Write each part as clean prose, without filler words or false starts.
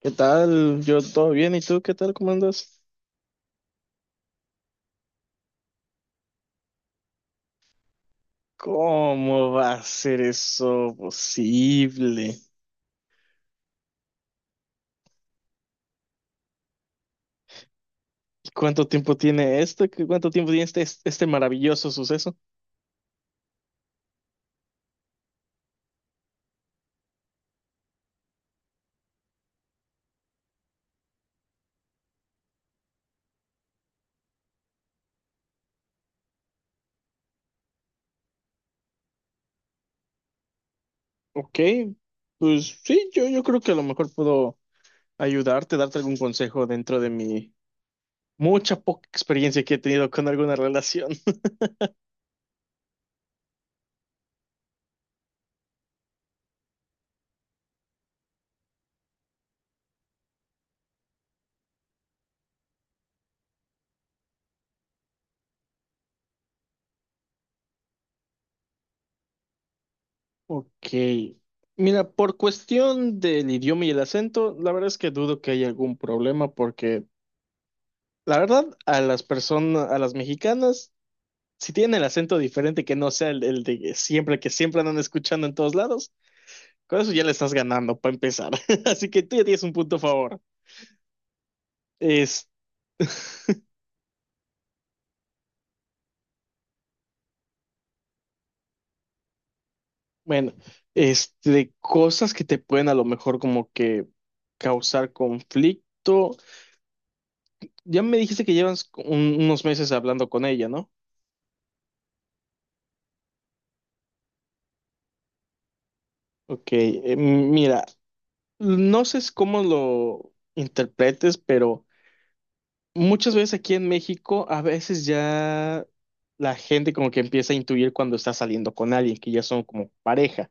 ¿Qué tal? Yo todo bien, ¿y tú qué tal? ¿Cómo andas? ¿Cómo va a ser eso posible? ¿Cuánto tiempo tiene esto? ¿Qué- ¿Cuánto tiempo tiene este maravilloso suceso? Ok, pues sí, yo creo que a lo mejor puedo ayudarte, darte algún consejo dentro de mi mucha poca experiencia que he tenido con alguna relación. Ok, mira, por cuestión del idioma y el acento, la verdad es que dudo que haya algún problema porque la verdad, a las personas, a las mexicanas si tienen el acento diferente que no sea el de siempre, que siempre andan escuchando en todos lados, con eso ya le estás ganando para empezar. Así que tú ya tienes un punto a favor. Es, bueno, este, cosas que te pueden a lo mejor como que causar conflicto. Ya me dijiste que llevas un- unos meses hablando con ella, ¿no? Ok, mira, no sé cómo lo interpretes, pero muchas veces aquí en México, a veces ya la gente como que empieza a intuir cuando está saliendo con alguien, que ya son como pareja.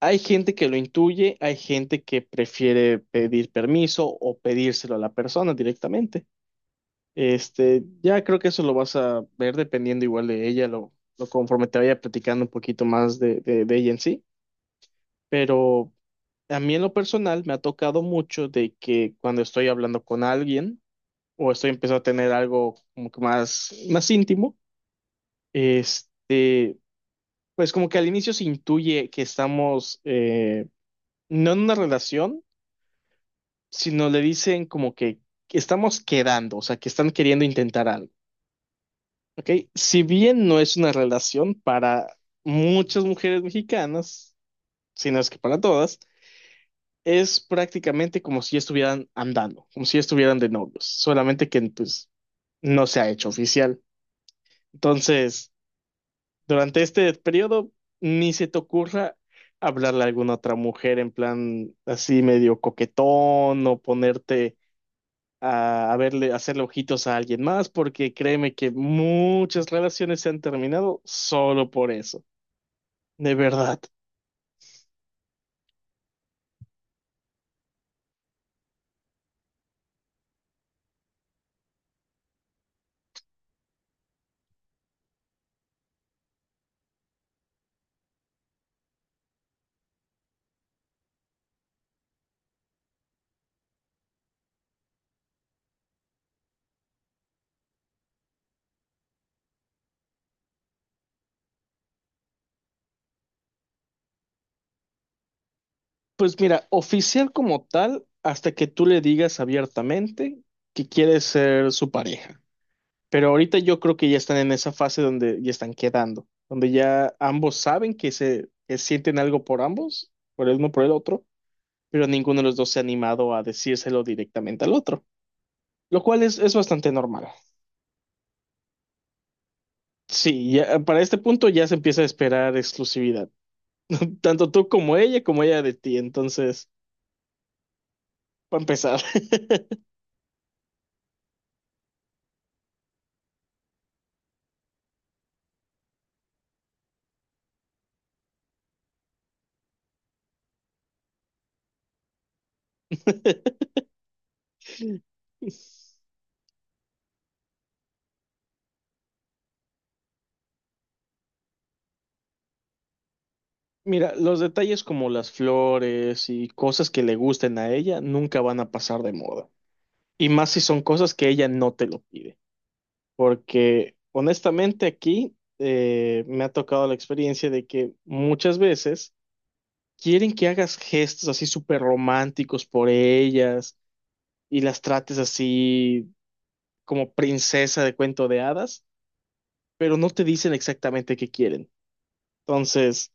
Hay gente que lo intuye, hay gente que prefiere pedir permiso o pedírselo a la persona directamente. Este, ya creo que eso lo vas a ver dependiendo igual de ella, lo conforme te vaya platicando un poquito más de ella en sí. Pero a mí en lo personal me ha tocado mucho de que cuando estoy hablando con alguien, o estoy empezando a tener algo como que más, más íntimo, este, pues como que al inicio se intuye que estamos no en una relación, sino le dicen como que estamos quedando, o sea, que están queriendo intentar algo, ¿ok? Si bien no es una relación para muchas mujeres mexicanas, sino es que para todas, es prácticamente como si estuvieran andando, como si estuvieran de novios, solamente que pues no se ha hecho oficial. Entonces, durante este periodo, ni se te ocurra hablarle a alguna otra mujer en plan así medio coquetón o ponerte a verle, a hacerle ojitos a alguien más, porque créeme que muchas relaciones se han terminado solo por eso, de verdad. Pues mira, oficial como tal, hasta que tú le digas abiertamente que quieres ser su pareja. Pero ahorita yo creo que ya están en esa fase donde ya están quedando, donde ya ambos saben que se que sienten algo por ambos, por el uno por el otro, pero ninguno de los dos se ha animado a decírselo directamente al otro, lo cual es bastante normal. Sí, ya, para este punto ya se empieza a esperar exclusividad, tanto tú como ella de ti, entonces, para empezar. Mira, los detalles como las flores y cosas que le gusten a ella nunca van a pasar de moda. Y más si son cosas que ella no te lo pide. Porque honestamente aquí me ha tocado la experiencia de que muchas veces quieren que hagas gestos así súper románticos por ellas y las trates así como princesa de cuento de hadas, pero no te dicen exactamente qué quieren. Entonces,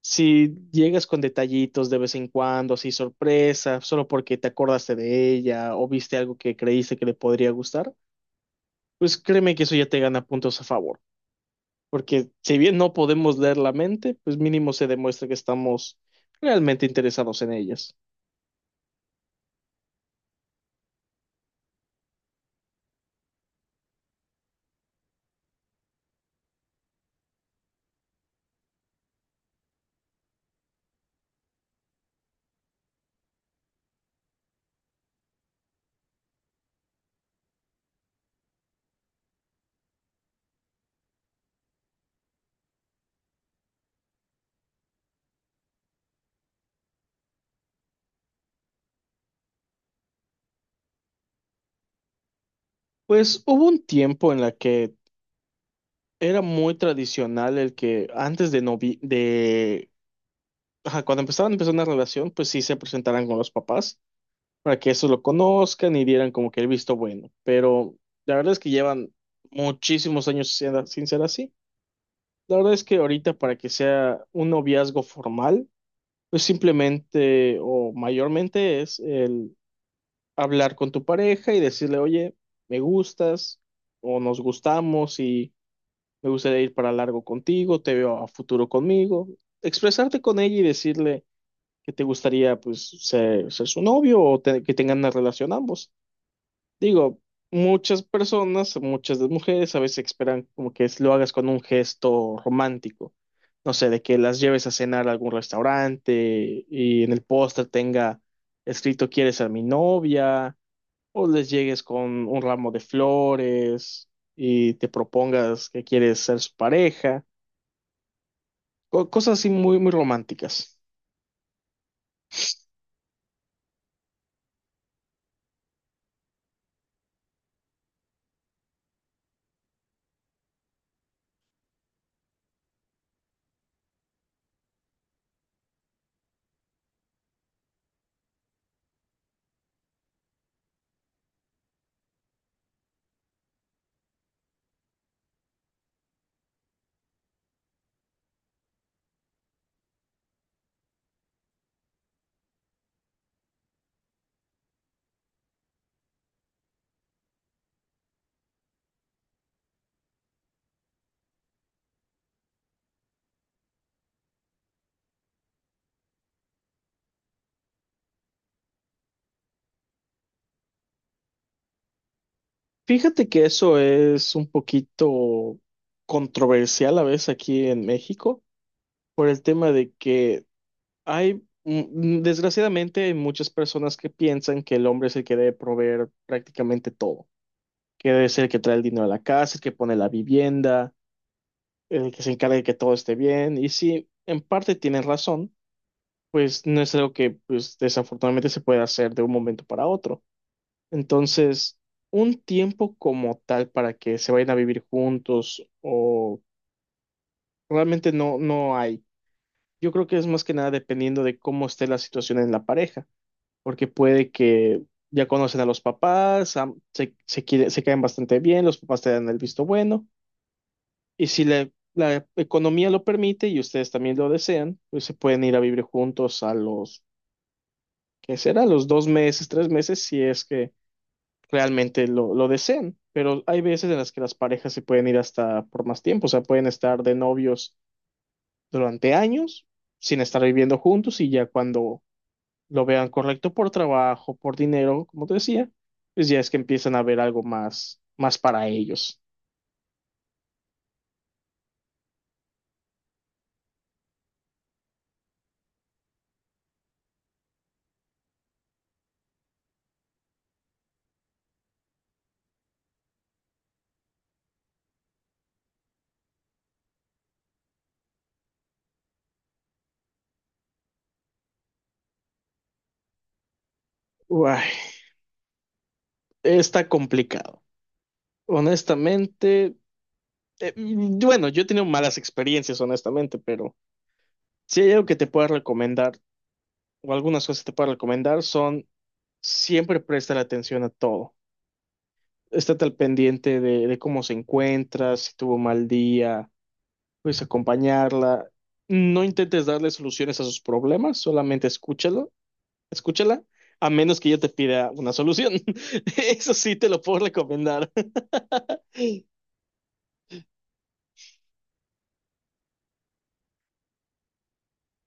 si llegas con detallitos de vez en cuando, así sorpresa, solo porque te acordaste de ella o viste algo que creíste que le podría gustar, pues créeme que eso ya te gana puntos a favor, porque si bien no podemos leer la mente, pues mínimo se demuestra que estamos realmente interesados en ellas. Pues hubo un tiempo en la que era muy tradicional el que antes de novi de ajá, cuando empezaban a empezar una relación, pues sí se presentaran con los papás para que eso lo conozcan y dieran como que el visto bueno, pero la verdad es que llevan muchísimos años sin ser así. La verdad es que ahorita para que sea un noviazgo formal, pues simplemente o mayormente es el hablar con tu pareja y decirle, oye, me gustas o nos gustamos y me gustaría ir para largo contigo, te veo a futuro conmigo. Expresarte con ella y decirle que te gustaría pues ser, ser su novio o te- que tengan una relación ambos. Digo, muchas personas, muchas de mujeres, a veces esperan como que lo hagas con un gesto romántico. No sé, de que las lleves a cenar a algún restaurante y en el póster tenga escrito ¿quieres ser mi novia? O les llegues con un ramo de flores y te propongas que quieres ser su pareja. Co- cosas así muy, muy románticas. Fíjate que eso es un poquito controversial a veces aquí en México por el tema de que hay, desgraciadamente, hay muchas personas que piensan que el hombre es el que debe proveer prácticamente todo, que debe ser el que trae el dinero a la casa, el que pone la vivienda, el que se encarga de que todo esté bien. Y sí, en parte tienen razón, pues no es algo que pues, desafortunadamente se puede hacer de un momento para otro. Entonces, un tiempo como tal para que se vayan a vivir juntos o realmente no, no hay. Yo creo que es más que nada dependiendo de cómo esté la situación en la pareja. Porque puede que ya conocen a los papás, am- se, quiere- se caen bastante bien, los papás te dan el visto bueno, y si la economía lo permite y ustedes también lo desean, pues se pueden ir a vivir juntos a los, ¿qué será? Los dos meses, tres meses, si es que realmente lo desean. Pero hay veces en las que las parejas se pueden ir hasta por más tiempo, o sea, pueden estar de novios durante años sin estar viviendo juntos y ya cuando lo vean correcto por trabajo, por dinero, como te decía, pues ya es que empiezan a ver algo más, más para ellos. Uay, está complicado. Honestamente, bueno, yo he tenido malas experiencias, honestamente, pero si hay algo que te pueda recomendar o algunas cosas que te pueda recomendar son siempre prestar atención a todo. Estate al pendiente de cómo se encuentra, si tuvo un mal día, pues acompañarla. No intentes darle soluciones a sus problemas, solamente escúchalo escúchala, a menos que yo te pida una solución. Eso sí te lo puedo recomendar.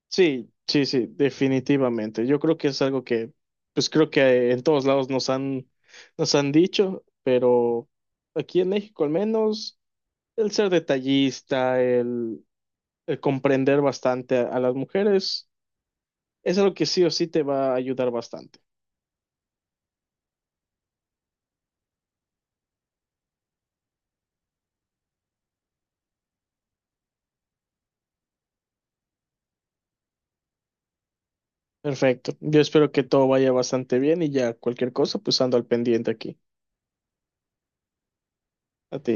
Sí, sí, sí, definitivamente. Yo creo que es algo que, pues creo que en todos lados nos han dicho, pero aquí en México al menos, el ser detallista, el comprender bastante a las mujeres, es algo que sí o sí te va a ayudar bastante. Perfecto. Yo espero que todo vaya bastante bien y ya cualquier cosa, pues ando al pendiente aquí. A ti.